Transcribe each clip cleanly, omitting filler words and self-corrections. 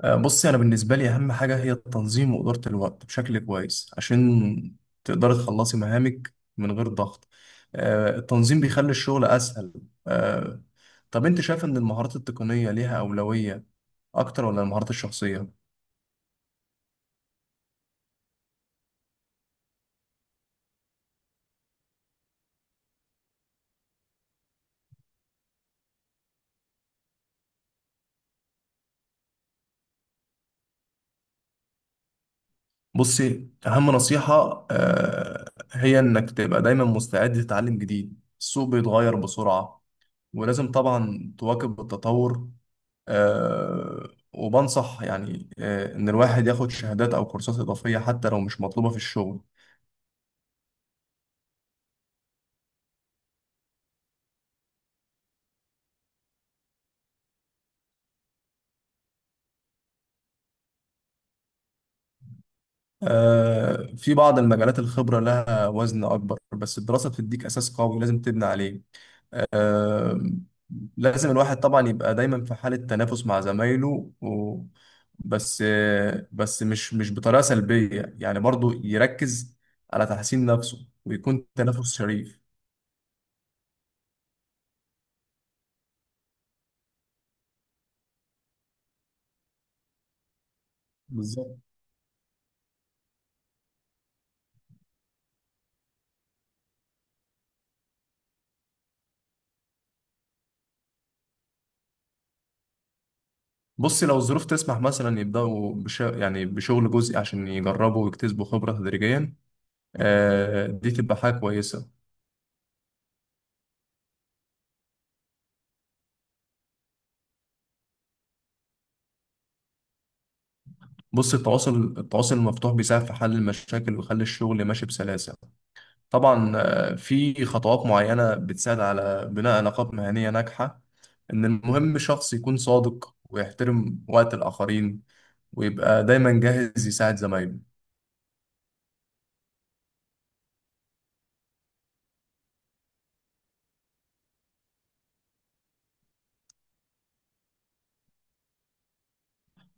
بصي، أنا بالنسبة لي أهم حاجة هي التنظيم وإدارة الوقت بشكل كويس عشان تقدري تخلصي مهامك من غير ضغط. التنظيم بيخلي الشغل أسهل. آه، طب أنت شايف إن المهارات التقنية ليها أولوية أكتر ولا المهارات الشخصية؟ بصي، أهم نصيحة هي إنك تبقى دايما مستعد تتعلم جديد. السوق بيتغير بسرعة ولازم طبعا تواكب التطور. آه، وبنصح يعني إن الواحد ياخد شهادات أو كورسات إضافية حتى لو مش مطلوبة في الشغل. في بعض المجالات الخبرة لها وزن أكبر، بس الدراسة بتديك أساس قوي لازم تبني عليه. آه، لازم الواحد طبعا يبقى دايما في حالة تنافس مع زمايله بس مش بطريقة سلبية، يعني برضو يركز على تحسين نفسه ويكون تنافس شريف. بالظبط. بصي، لو الظروف تسمح مثلا يبدأوا بش... يعني بشغل جزئي عشان يجربوا ويكتسبوا خبرة تدريجيا. دي تبقى حاجة كويسة. بصي، التواصل المفتوح بيساعد في حل المشاكل ويخلي الشغل ماشي بسلاسة. طبعا في خطوات معينة بتساعد على بناء علاقات مهنية ناجحة. إن المهم شخص يكون صادق ويحترم وقت الآخرين ويبقى دايما جاهز يساعد زمايله.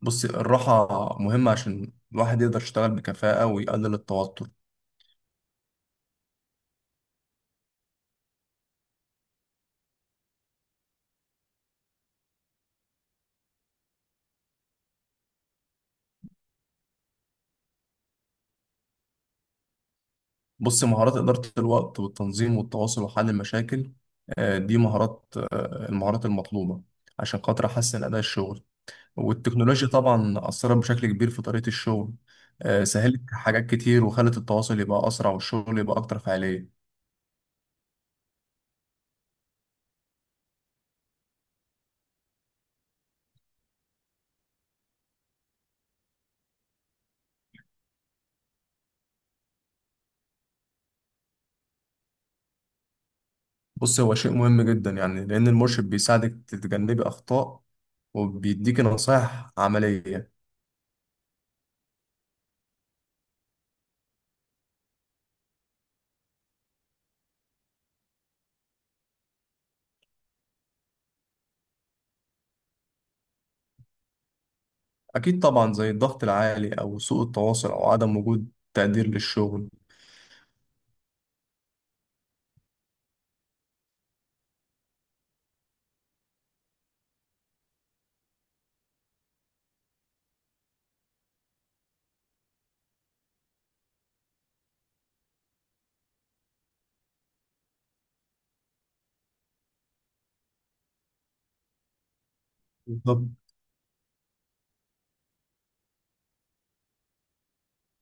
بصي، الراحة مهمة عشان الواحد يقدر يشتغل بكفاءة ويقلل التوتر. بص، مهارات إدارة الوقت والتنظيم والتواصل وحل المشاكل، دي مهارات المهارات المطلوبة عشان خاطر أحسن أداء الشغل. والتكنولوجيا طبعا أثرت بشكل كبير في طريقة الشغل. سهلت حاجات كتير وخلت التواصل يبقى أسرع والشغل يبقى أكتر فعالية. بص، هو شيء مهم جدا، يعني لأن المرشد بيساعدك تتجنبي أخطاء وبيديكي نصائح عملية. أكيد طبعا، زي الضغط العالي أو سوء التواصل أو عدم وجود تقدير للشغل. بالظبط.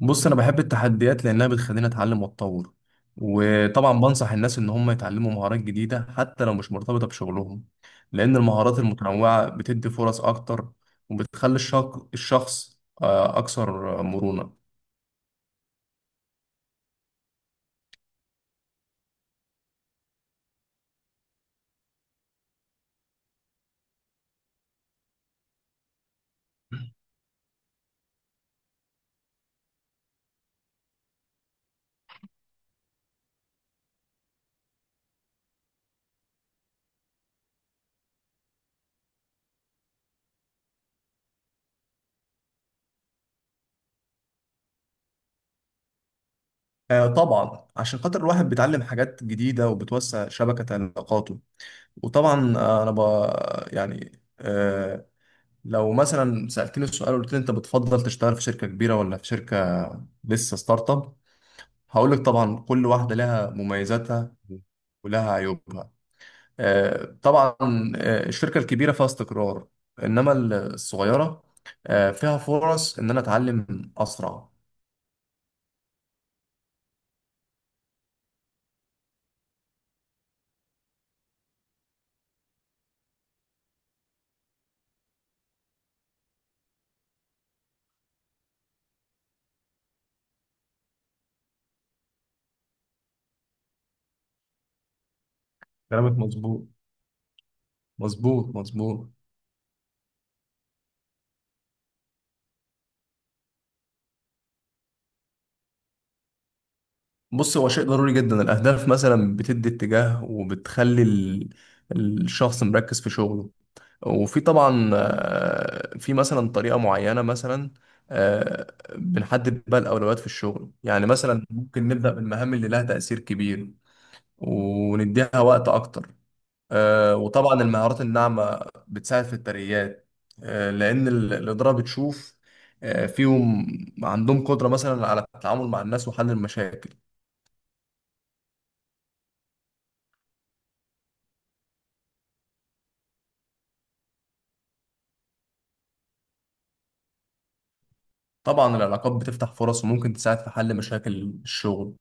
بص، انا بحب التحديات لانها بتخليني اتعلم واتطور. وطبعا بنصح الناس ان هم يتعلموا مهارات جديده حتى لو مش مرتبطه بشغلهم، لان المهارات المتنوعه بتدي فرص اكتر، وبتخلي الشخص اكثر مرونه. طبعا عشان خاطر الواحد بيتعلم حاجات جديده وبتوسع شبكه علاقاته. وطبعا آه، انا ب يعني آه، لو مثلا سالتني السؤال قلت لي انت بتفضل تشتغل في شركه كبيره ولا في شركه لسه ستارت اب، هقول لك طبعا كل واحدة لها مميزاتها ولها عيوبها. طبعا، الشركة الكبيرة فيها استقرار، إنما الصغيرة فيها فرص إن أنا أتعلم أسرع. كلامك مظبوط، مظبوط مظبوط. بص، هو شيء ضروري جدا. الأهداف مثلا بتدي اتجاه وبتخلي الشخص مركز في شغله. وفي طبعا في مثلا طريقة معينة. مثلا آه، بنحدد بقى الأولويات في الشغل، يعني مثلا ممكن نبدأ بالمهام اللي لها تأثير كبير ونديها وقت أكتر. وطبعا المهارات الناعمة بتساعد في الترقيات. لأن الإدارة بتشوف فيهم عندهم قدرة مثلا على التعامل مع الناس وحل المشاكل. طبعا العلاقات بتفتح فرص وممكن تساعد في حل مشاكل الشغل.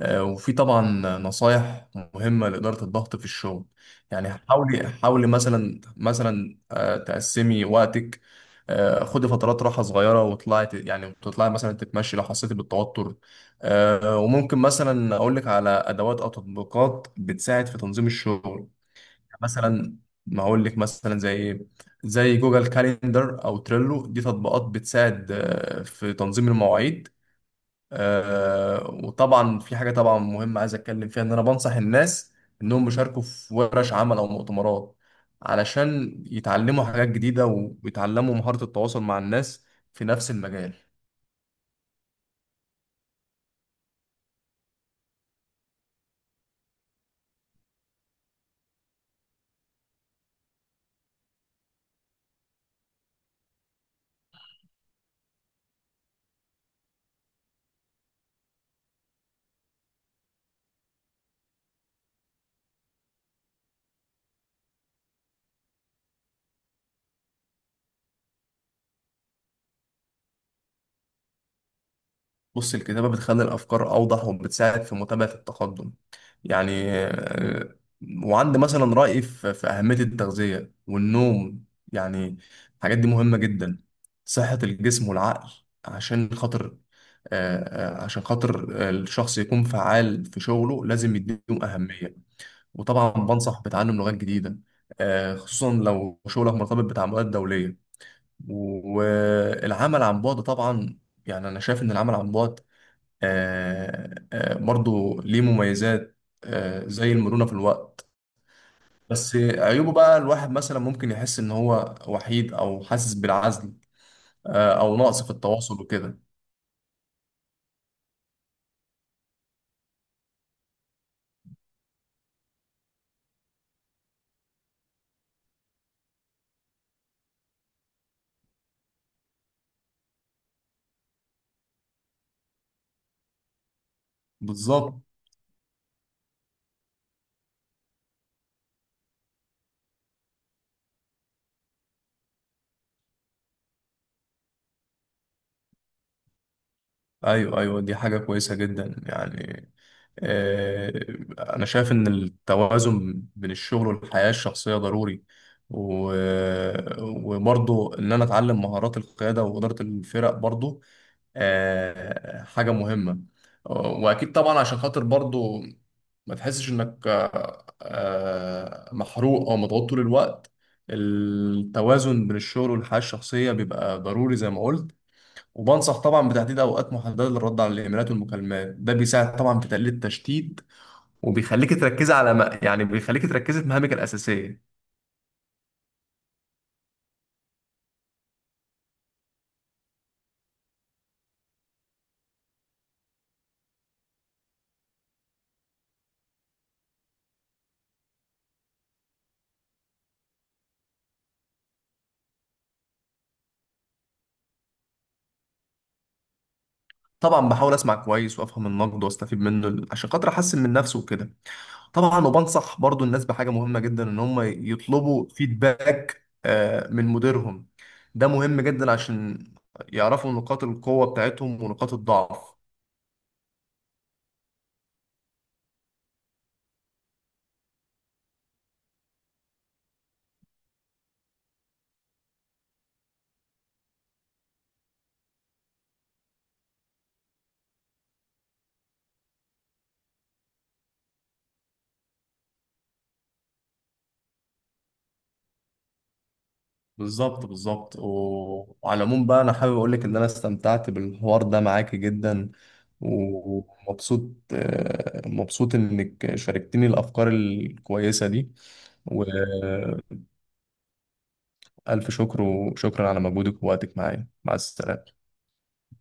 وفي طبعا نصايح مهمة لإدارة الضغط في الشغل. يعني حاولي مثلا تقسمي وقتك. خدي فترات راحة صغيرة وطلعي تطلعي مثلا تتمشي لو حسيتي بالتوتر. وممكن مثلا أقول لك على أدوات أو تطبيقات بتساعد في تنظيم الشغل. مثلا، ما اقول لك مثلا زي جوجل كاليندر او تريلو. دي تطبيقات بتساعد في تنظيم المواعيد. وطبعا في حاجه طبعا مهمه عايز اتكلم فيها، ان انا بنصح الناس انهم يشاركوا في ورش عمل او مؤتمرات علشان يتعلموا حاجات جديده ويتعلموا مهاره التواصل مع الناس في نفس المجال. بص، الكتابة بتخلي الأفكار أوضح وبتساعد في متابعة التقدم، يعني آه، وعندي مثلا رأي في أهمية التغذية والنوم، يعني الحاجات دي مهمة جدا صحة الجسم والعقل. عشان خاطر الشخص يكون فعال في شغله لازم يديهم أهمية. وطبعا بنصح بتعلم لغات جديدة، خصوصا لو شغلك مرتبط بتعاملات دولية. والعمل عن بعد طبعا، يعني انا شايف ان العمل عن بعد برضو ليه مميزات، زي المرونة في الوقت. بس عيوبه بقى الواحد مثلا ممكن يحس ان هو وحيد او حاسس بالعزل، او نقص في التواصل وكده. بالظبط. ايوه ايوه، دي حاجة كويسة جدا، يعني آه، انا شايف ان التوازن بين الشغل والحياة الشخصية ضروري. و... وبرضو ان انا اتعلم مهارات القيادة وإدارة الفرق برضو حاجة مهمة. وأكيد طبعا عشان خاطر برضو ما تحسش إنك محروق أو مضغوط طول الوقت. التوازن بين الشغل والحياة الشخصية بيبقى ضروري زي ما قلت. وبنصح طبعا بتحديد أوقات محددة للرد على الإيميلات والمكالمات، ده بيساعد طبعا في تقليل التشتيت وبيخليك تركزي على ما، يعني بيخليك تركزي في مهامك الأساسية. طبعا بحاول أسمع كويس وأفهم النقد وأستفيد منه عشان خاطر أحسن من نفسي وكده. طبعا، وبنصح برضو الناس بحاجة مهمة جدا، ان هم يطلبوا فيدباك من مديرهم. ده مهم جدا عشان يعرفوا نقاط القوة بتاعتهم ونقاط الضعف. بالظبط بالظبط. و- وعلى العموم بقى انا حابب اقول لك ان انا استمتعت بالحوار ده معاكي جدا، ومبسوط آه، مبسوط انك شاركتني الافكار الكويسة دي. والف شكر، وشكرا على مجهودك ووقتك معايا. مع السلامة.